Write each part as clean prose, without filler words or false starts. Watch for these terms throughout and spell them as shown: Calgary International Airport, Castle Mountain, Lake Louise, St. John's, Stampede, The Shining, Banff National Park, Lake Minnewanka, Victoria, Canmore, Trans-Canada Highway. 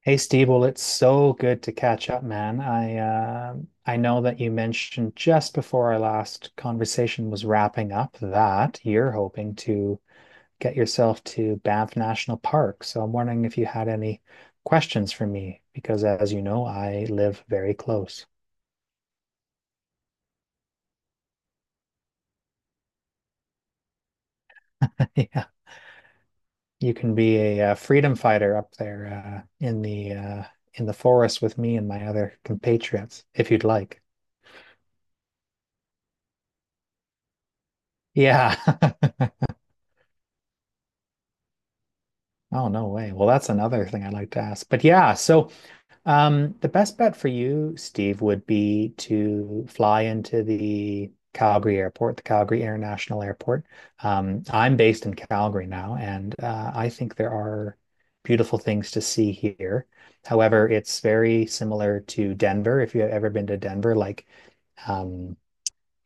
Hey Steve, well, it's so good to catch up, man. I know that you mentioned just before our last conversation was wrapping up that you're hoping to get yourself to Banff National Park. So I'm wondering if you had any questions for me, because as you know, I live very close. Yeah, you can be a freedom fighter up there in the in the forest with me and my other compatriots if you'd like. Yeah. Oh, no way. Well, that's another thing I'd like to ask. But the best bet for you, Steve, would be to fly into the Calgary Airport, the Calgary International Airport. I'm based in Calgary now, and I think there are beautiful things to see here. However, it's very similar to Denver. If you have ever been to Denver, um,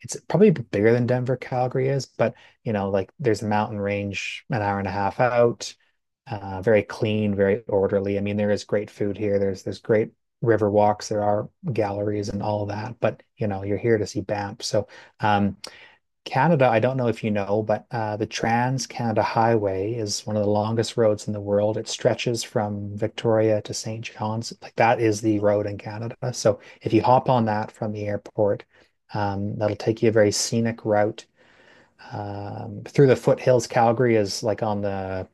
it's probably bigger than Denver, Calgary is, but you know, like there's a mountain range an hour and a half out. Very clean, very orderly. I mean, there is great food here. There's great river walks. There are galleries and all of that. But you know, you're here to see Banff. Um, Canada, I don't know if you know, but the Trans-Canada Highway is one of the longest roads in the world. It stretches from Victoria to St. John's. Like that is the road in Canada. So if you hop on that from the airport, that'll take you a very scenic route through the foothills. Calgary is like on the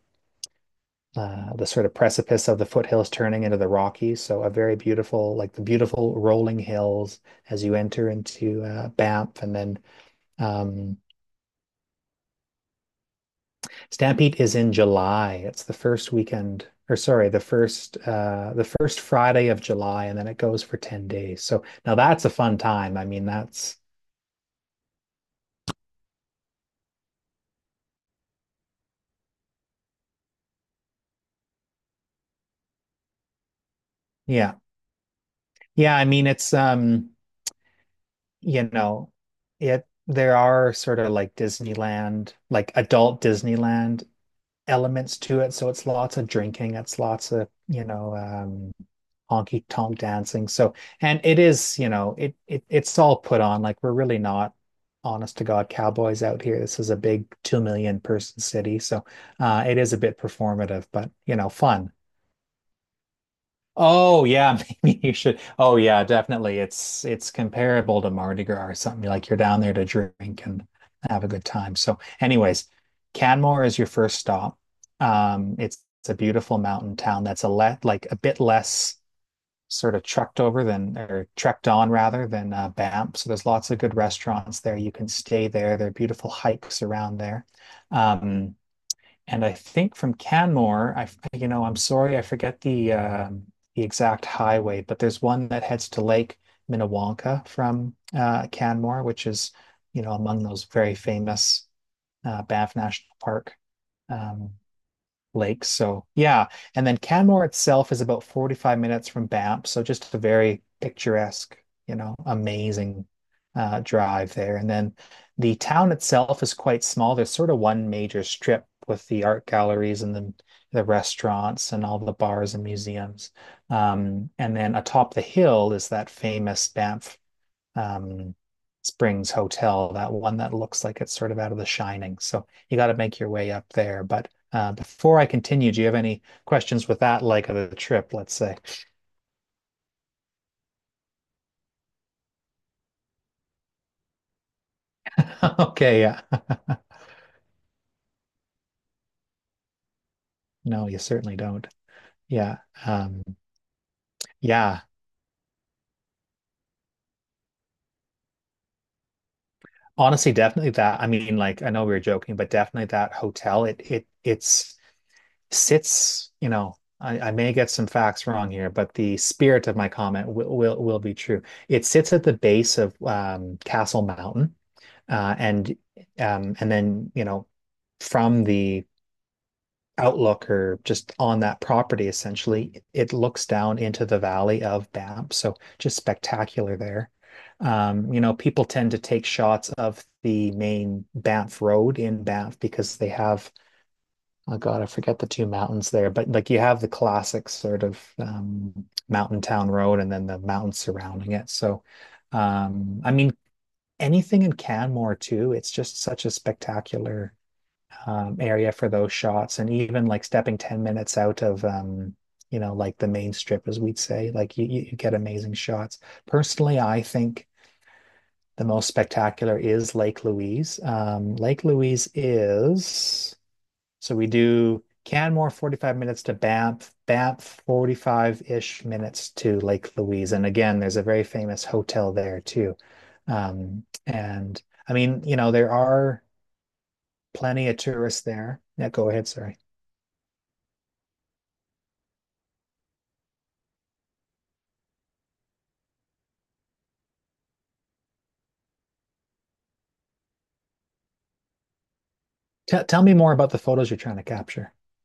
uh, the sort of precipice of the foothills turning into the Rockies. So a very beautiful, like the beautiful rolling hills as you enter into Banff and then. Um, Stampede is in July. It's the first weekend, or sorry, the first Friday of July, and then it goes for 10 days. So now that's a fun time. I mean, that's yeah. Yeah, I mean it's you know, it there are sort of like Disneyland, like adult Disneyland elements to it. So it's lots of drinking, it's lots of, honky tonk dancing. So, and it is, you know, it it's all put on. Like we're really not honest to God cowboys out here. This is a big 2 million person city. So it is a bit performative, but you know, fun. Oh yeah, maybe you should. Oh yeah, definitely. It's comparable to Mardi Gras or something. Like you're down there to drink and have a good time. So, anyways, Canmore is your first stop. It's a beautiful mountain town that's a let like a bit less sort of trucked over than or trekked on rather than Banff. So there's lots of good restaurants there. You can stay there. There are beautiful hikes around there. Um, and I think from Canmore, I'm sorry, I forget the exact highway, but there's one that heads to Lake Minnewanka from Canmore, which is, you know, among those very famous Banff National Park. Um, lakes. So yeah, and then Canmore itself is about 45 minutes from Banff, so just a very picturesque, you know, amazing drive there. And then the town itself is quite small. There's sort of one major strip with the art galleries and the restaurants and all the bars and museums. And then atop the hill is that famous Banff um, Springs Hotel, that one that looks like it's sort of out of The Shining. So you got to make your way up there. But before I continue, do you have any questions with that leg of the trip, let's say? Okay, yeah. No, you certainly don't. Yeah. Um, yeah. Honestly, definitely that. I mean, like I know we were joking, but definitely that hotel, it it's sits, you know, I may get some facts wrong here, but the spirit of my comment will be true. It sits at the base of Castle Mountain, uh, and and then you know, from the outlook or just on that property, essentially, it looks down into the valley of Banff. So just spectacular there. You know, people tend to take shots of the main Banff Road in Banff because they have Oh God, I forget the two mountains there, but like you have the classic sort of mountain town road and then the mountains surrounding it. So, um, I mean, anything in Canmore too, it's just such a spectacular area for those shots. And even like stepping 10 minutes out of, you know, like the main strip, as we'd say, like you get amazing shots. Personally, I think the most spectacular is Lake Louise. Lake Louise is. So we do Canmore 45 minutes to Banff, Banff 45-ish minutes to Lake Louise. And again, there's a very famous hotel there too. And I mean, you know, there are plenty of tourists there. Yeah, go ahead. Sorry. Tell me more about the photos you're trying to capture.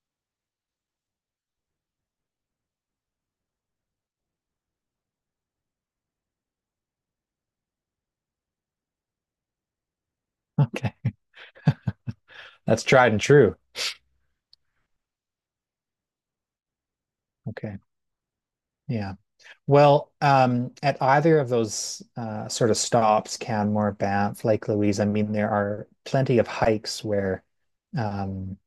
Okay. That's tried and true. Okay. Yeah. Well, at either of those sort of stops, Canmore, Banff, Lake Louise, I mean, there are plenty of hikes where um,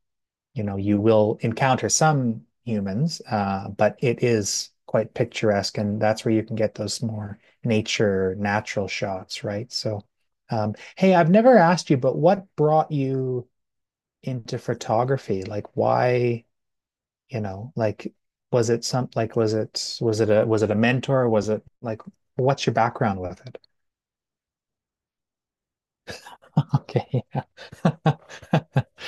you know, you will encounter some humans, but it is quite picturesque, and that's where you can get those more nature, natural shots, right? So, hey, I've never asked you, but what brought you into photography? Like, why, you know, like, was it some, like, was it a mentor? Was it like, what's your background with it? Okay.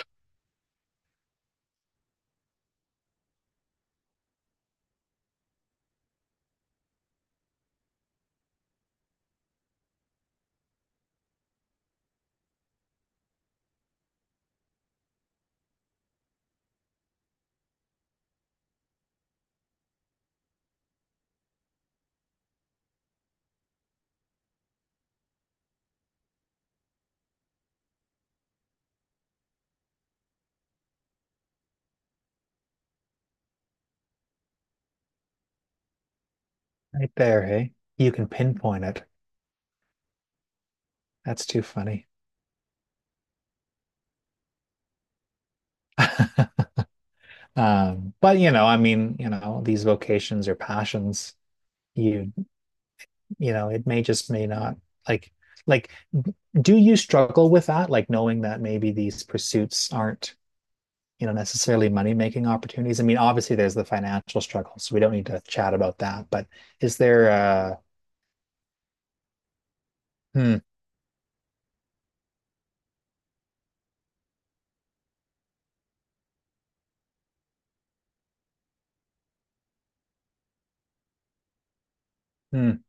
Right there, hey. You can pinpoint it. That's too funny. But you know, I mean, you know, these vocations or passions, you you know, it may just may not like like do you struggle with that? Like knowing that maybe these pursuits aren't, you know, necessarily money-making opportunities. I mean, obviously there's the financial struggle, so we don't need to chat about that. But is there uh hmm, hmm,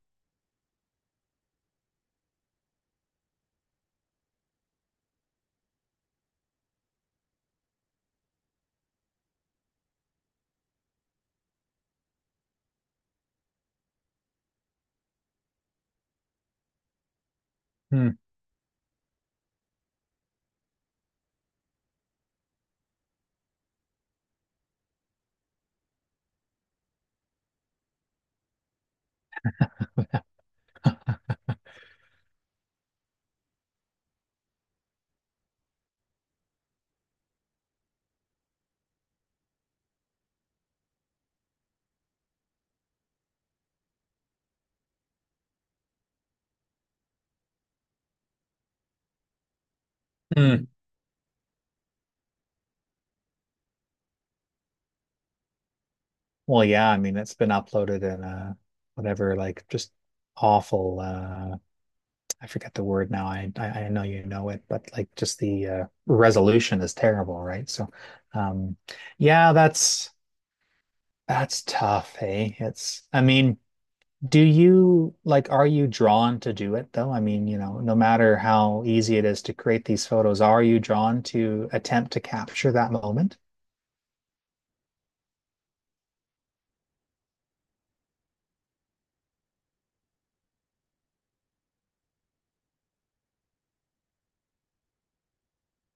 hmm, hmm. Well, yeah, I mean, it's been uploaded in whatever, like just awful I forget the word now. I know you know it, but like just the resolution is terrible, right? So, um, yeah, that's tough. Hey, it's I mean. Do you like, are you drawn to do it though? I mean, you know, no matter how easy it is to create these photos, are you drawn to attempt to capture that moment?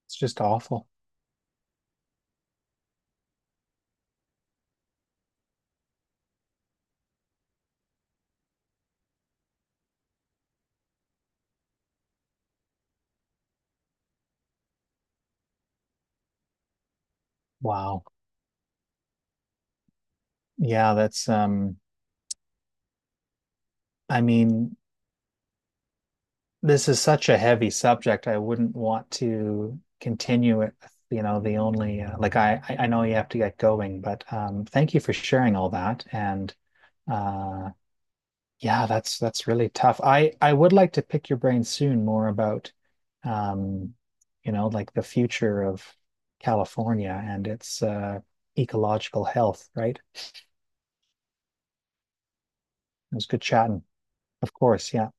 It's just awful. Wow. Yeah, that's I mean, this is such a heavy subject. I wouldn't want to continue it. You know, the only like I know you have to get going, but thank you for sharing all that. And uh, yeah, that's really tough. I would like to pick your brain soon more about, um, you know, like the future of California and its ecological health. Right? It was good chatting. Of course, yeah.